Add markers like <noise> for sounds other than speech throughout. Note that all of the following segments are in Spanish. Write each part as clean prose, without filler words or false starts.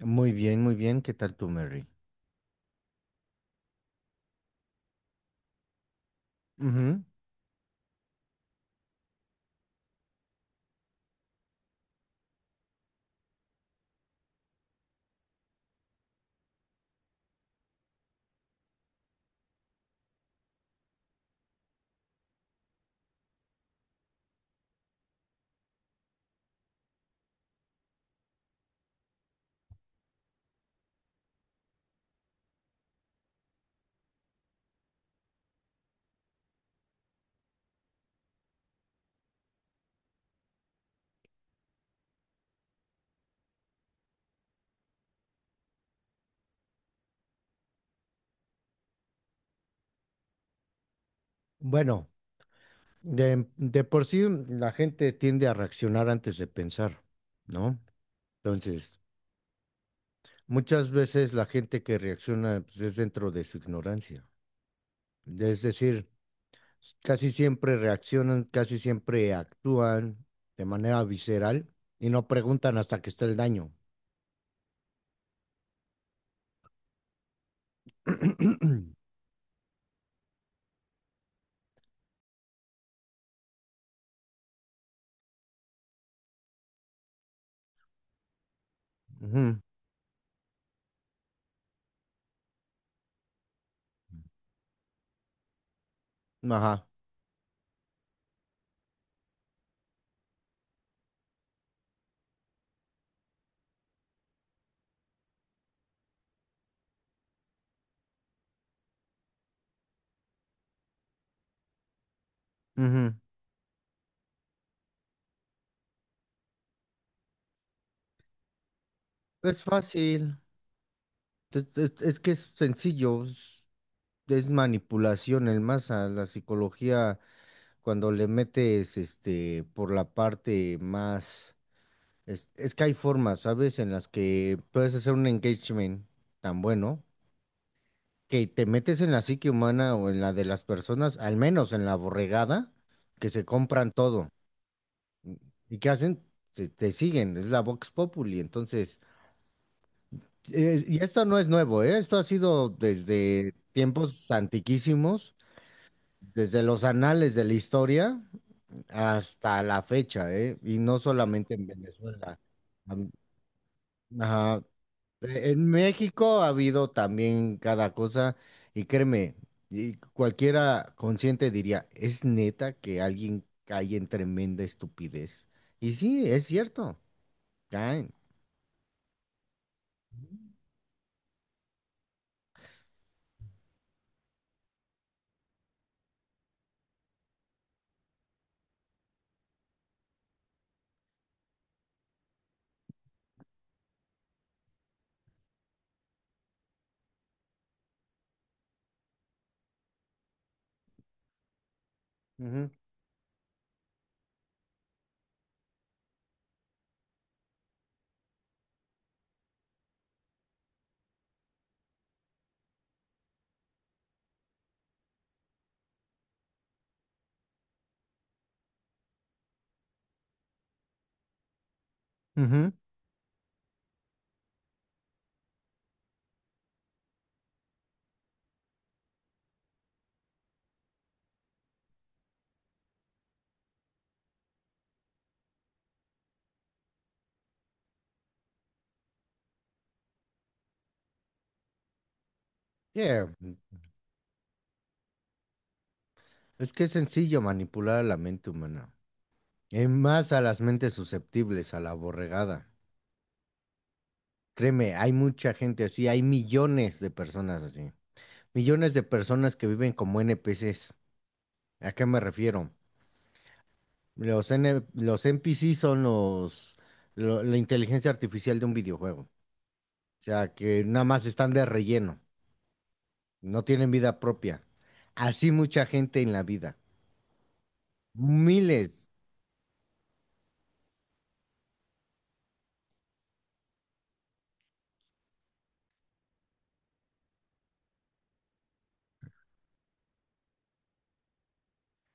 Muy bien, muy bien. ¿Qué tal tú, Mary? Ujú. Bueno, de por sí la gente tiende a reaccionar antes de pensar, ¿no? Entonces, muchas veces la gente que reacciona pues, es dentro de su ignorancia. Es decir, casi siempre reaccionan, casi siempre actúan de manera visceral y no preguntan hasta que está el daño. <clears throat> Ujú. Ajá. Ujú. Es fácil. Es que es sencillo. Es manipulación el más a la psicología cuando le metes este por la parte más es que hay formas, ¿sabes? En las que puedes hacer un engagement tan bueno que te metes en la psique humana o en la de las personas, al menos en la borregada, que se compran todo. ¿Y qué hacen? Te siguen, es la Vox Populi. Entonces, y esto no es nuevo, ¿eh? Esto ha sido desde tiempos antiquísimos, desde los anales de la historia hasta la fecha, ¿eh? Y no solamente en Venezuela. Am- ajá. En México ha habido también cada cosa, y créeme, y cualquiera consciente diría, ¿es neta que alguien cae en tremenda estupidez? Y sí, es cierto, caen. Ujú, ujú. Yeah. Es que es sencillo manipular a la mente humana, en más a las mentes susceptibles a la borregada. Créeme, hay mucha gente así, hay millones de personas así. Millones de personas que viven como NPCs. ¿A qué me refiero? Los NPCs son la inteligencia artificial de un videojuego. O sea, que nada más están de relleno, no tienen vida propia. Así mucha gente en la vida. Miles.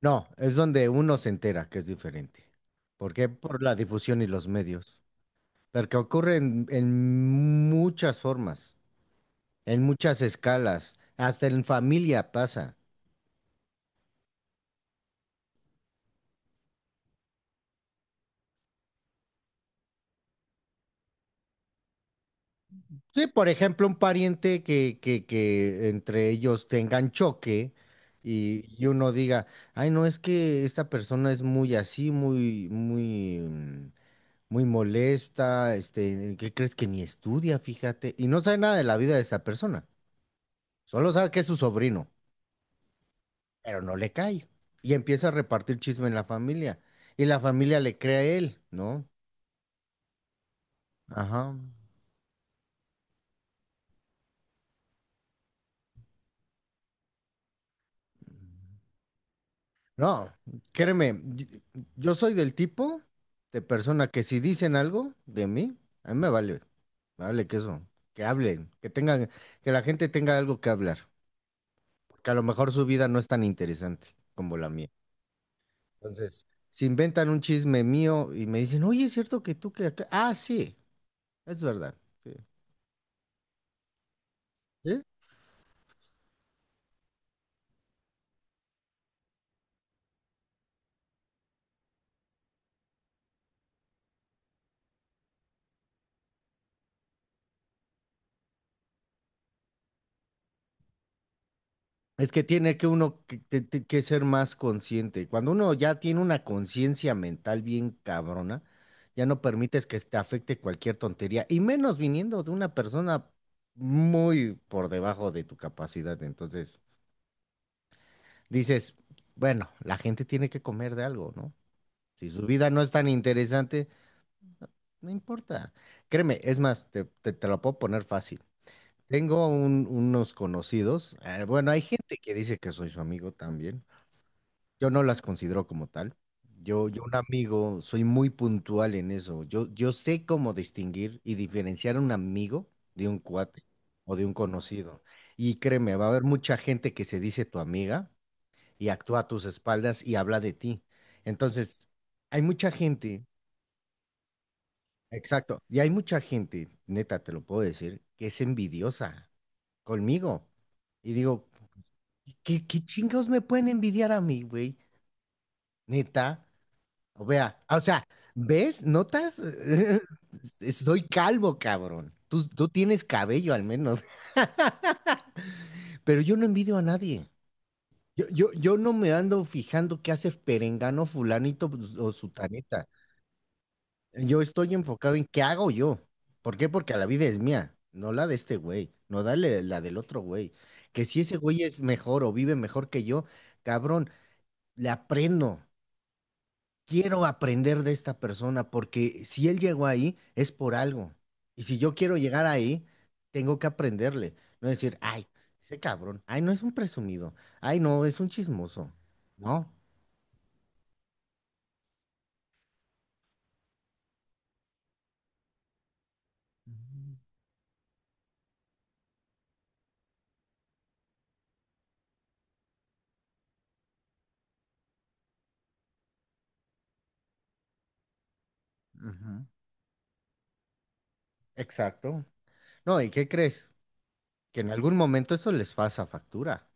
No, es donde uno se entera que es diferente. ¿Por qué? Por la difusión y los medios. Porque ocurre en muchas formas. En muchas escalas, hasta en familia pasa. Sí, por ejemplo, un pariente que entre ellos tengan choque y uno diga, ay, no, es que esta persona es muy así, muy, muy, muy molesta, este, ¿qué crees que ni estudia, fíjate? Y no sabe nada de la vida de esa persona, solo sabe que es su sobrino, pero no le cae. Y empieza a repartir chisme en la familia, y la familia le cree a él, ¿no? Ajá. No, créeme, yo soy del tipo de persona que si dicen algo de mí, a mí me vale que eso, que hablen, que tengan, que la gente tenga algo que hablar, porque a lo mejor su vida no es tan interesante como la mía. Entonces, si inventan un chisme mío y me dicen, oye, ¿es cierto que tú que acá? Ah, sí, es verdad. Sí. Es que tiene que uno que, que ser más consciente. Cuando uno ya tiene una conciencia mental bien cabrona, ya no permites que te afecte cualquier tontería, y menos viniendo de una persona muy por debajo de tu capacidad. Entonces, dices, bueno, la gente tiene que comer de algo, ¿no? Si su vida no es tan interesante, no importa. Créeme, es más, te lo puedo poner fácil. Tengo unos conocidos, bueno, hay gente que dice que soy su amigo también. Yo no las considero como tal. Yo un amigo, soy muy puntual en eso. Yo sé cómo distinguir y diferenciar a un amigo de un cuate o de un conocido. Y créeme, va a haber mucha gente que se dice tu amiga y actúa a tus espaldas y habla de ti. Entonces, hay mucha gente, exacto, y hay mucha gente, neta, te lo puedo decir, que es envidiosa conmigo. Y digo, ¿qué, qué chingados me pueden envidiar a mí, güey? Neta. O vea, ah, o sea, ¿ves? ¿Notas? <laughs> Soy calvo, cabrón. Tú tienes cabello al menos. <laughs> Pero yo no envidio a nadie. Yo no me ando fijando qué hace perengano, fulanito pues, o sutaneta. Yo estoy enfocado en qué hago yo. ¿Por qué? Porque la vida es mía, no la de este güey, no dale la del otro güey. Que si ese güey es mejor o vive mejor que yo, cabrón, le aprendo. Quiero aprender de esta persona porque si él llegó ahí es por algo. Y si yo quiero llegar ahí, tengo que aprenderle. No decir, ay, ese cabrón, ay, no es un presumido, ay, no, es un chismoso. No. Ujú. Exacto. No, ¿y qué crees? Que en algún momento eso les pasa factura,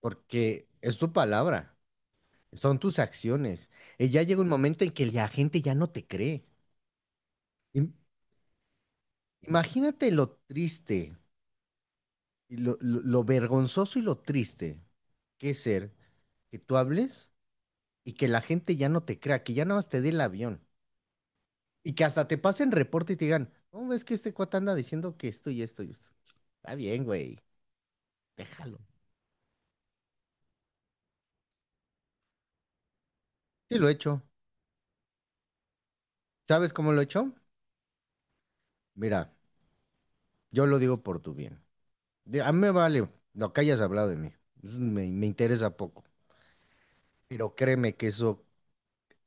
porque es tu palabra, son tus acciones. Y ya llega un momento en que la gente ya no te cree. Im- Imagínate lo triste, y lo vergonzoso y lo triste que ser que tú hables y que la gente ya no te crea, que ya nada más te dé el avión y que hasta te pasen reporte y te digan, no, es que este cuate anda diciendo que esto y esto y esto. Está bien, güey, déjalo. Sí lo he hecho. ¿Sabes cómo lo he hecho? Mira, yo lo digo por tu bien. A mí me vale lo que hayas hablado de mí. Eso me, me interesa poco. Pero créeme que eso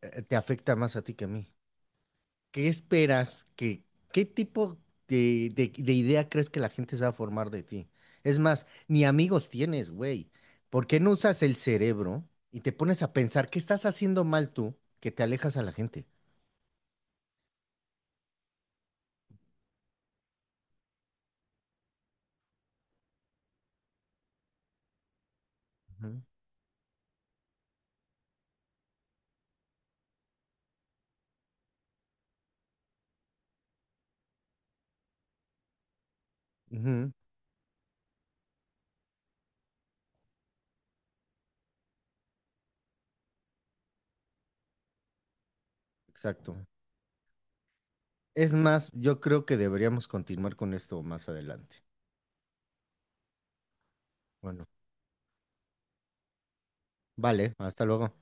te afecta más a ti que a mí. ¿Qué esperas? ¿Qué, qué tipo de idea crees que la gente se va a formar de ti? Es más, ni amigos tienes, güey. ¿Por qué no usas el cerebro y te pones a pensar qué estás haciendo mal tú que te alejas a la gente? Ujú. Ujú, exacto. Es más, yo creo que deberíamos continuar con esto más adelante. Bueno, vale, hasta luego.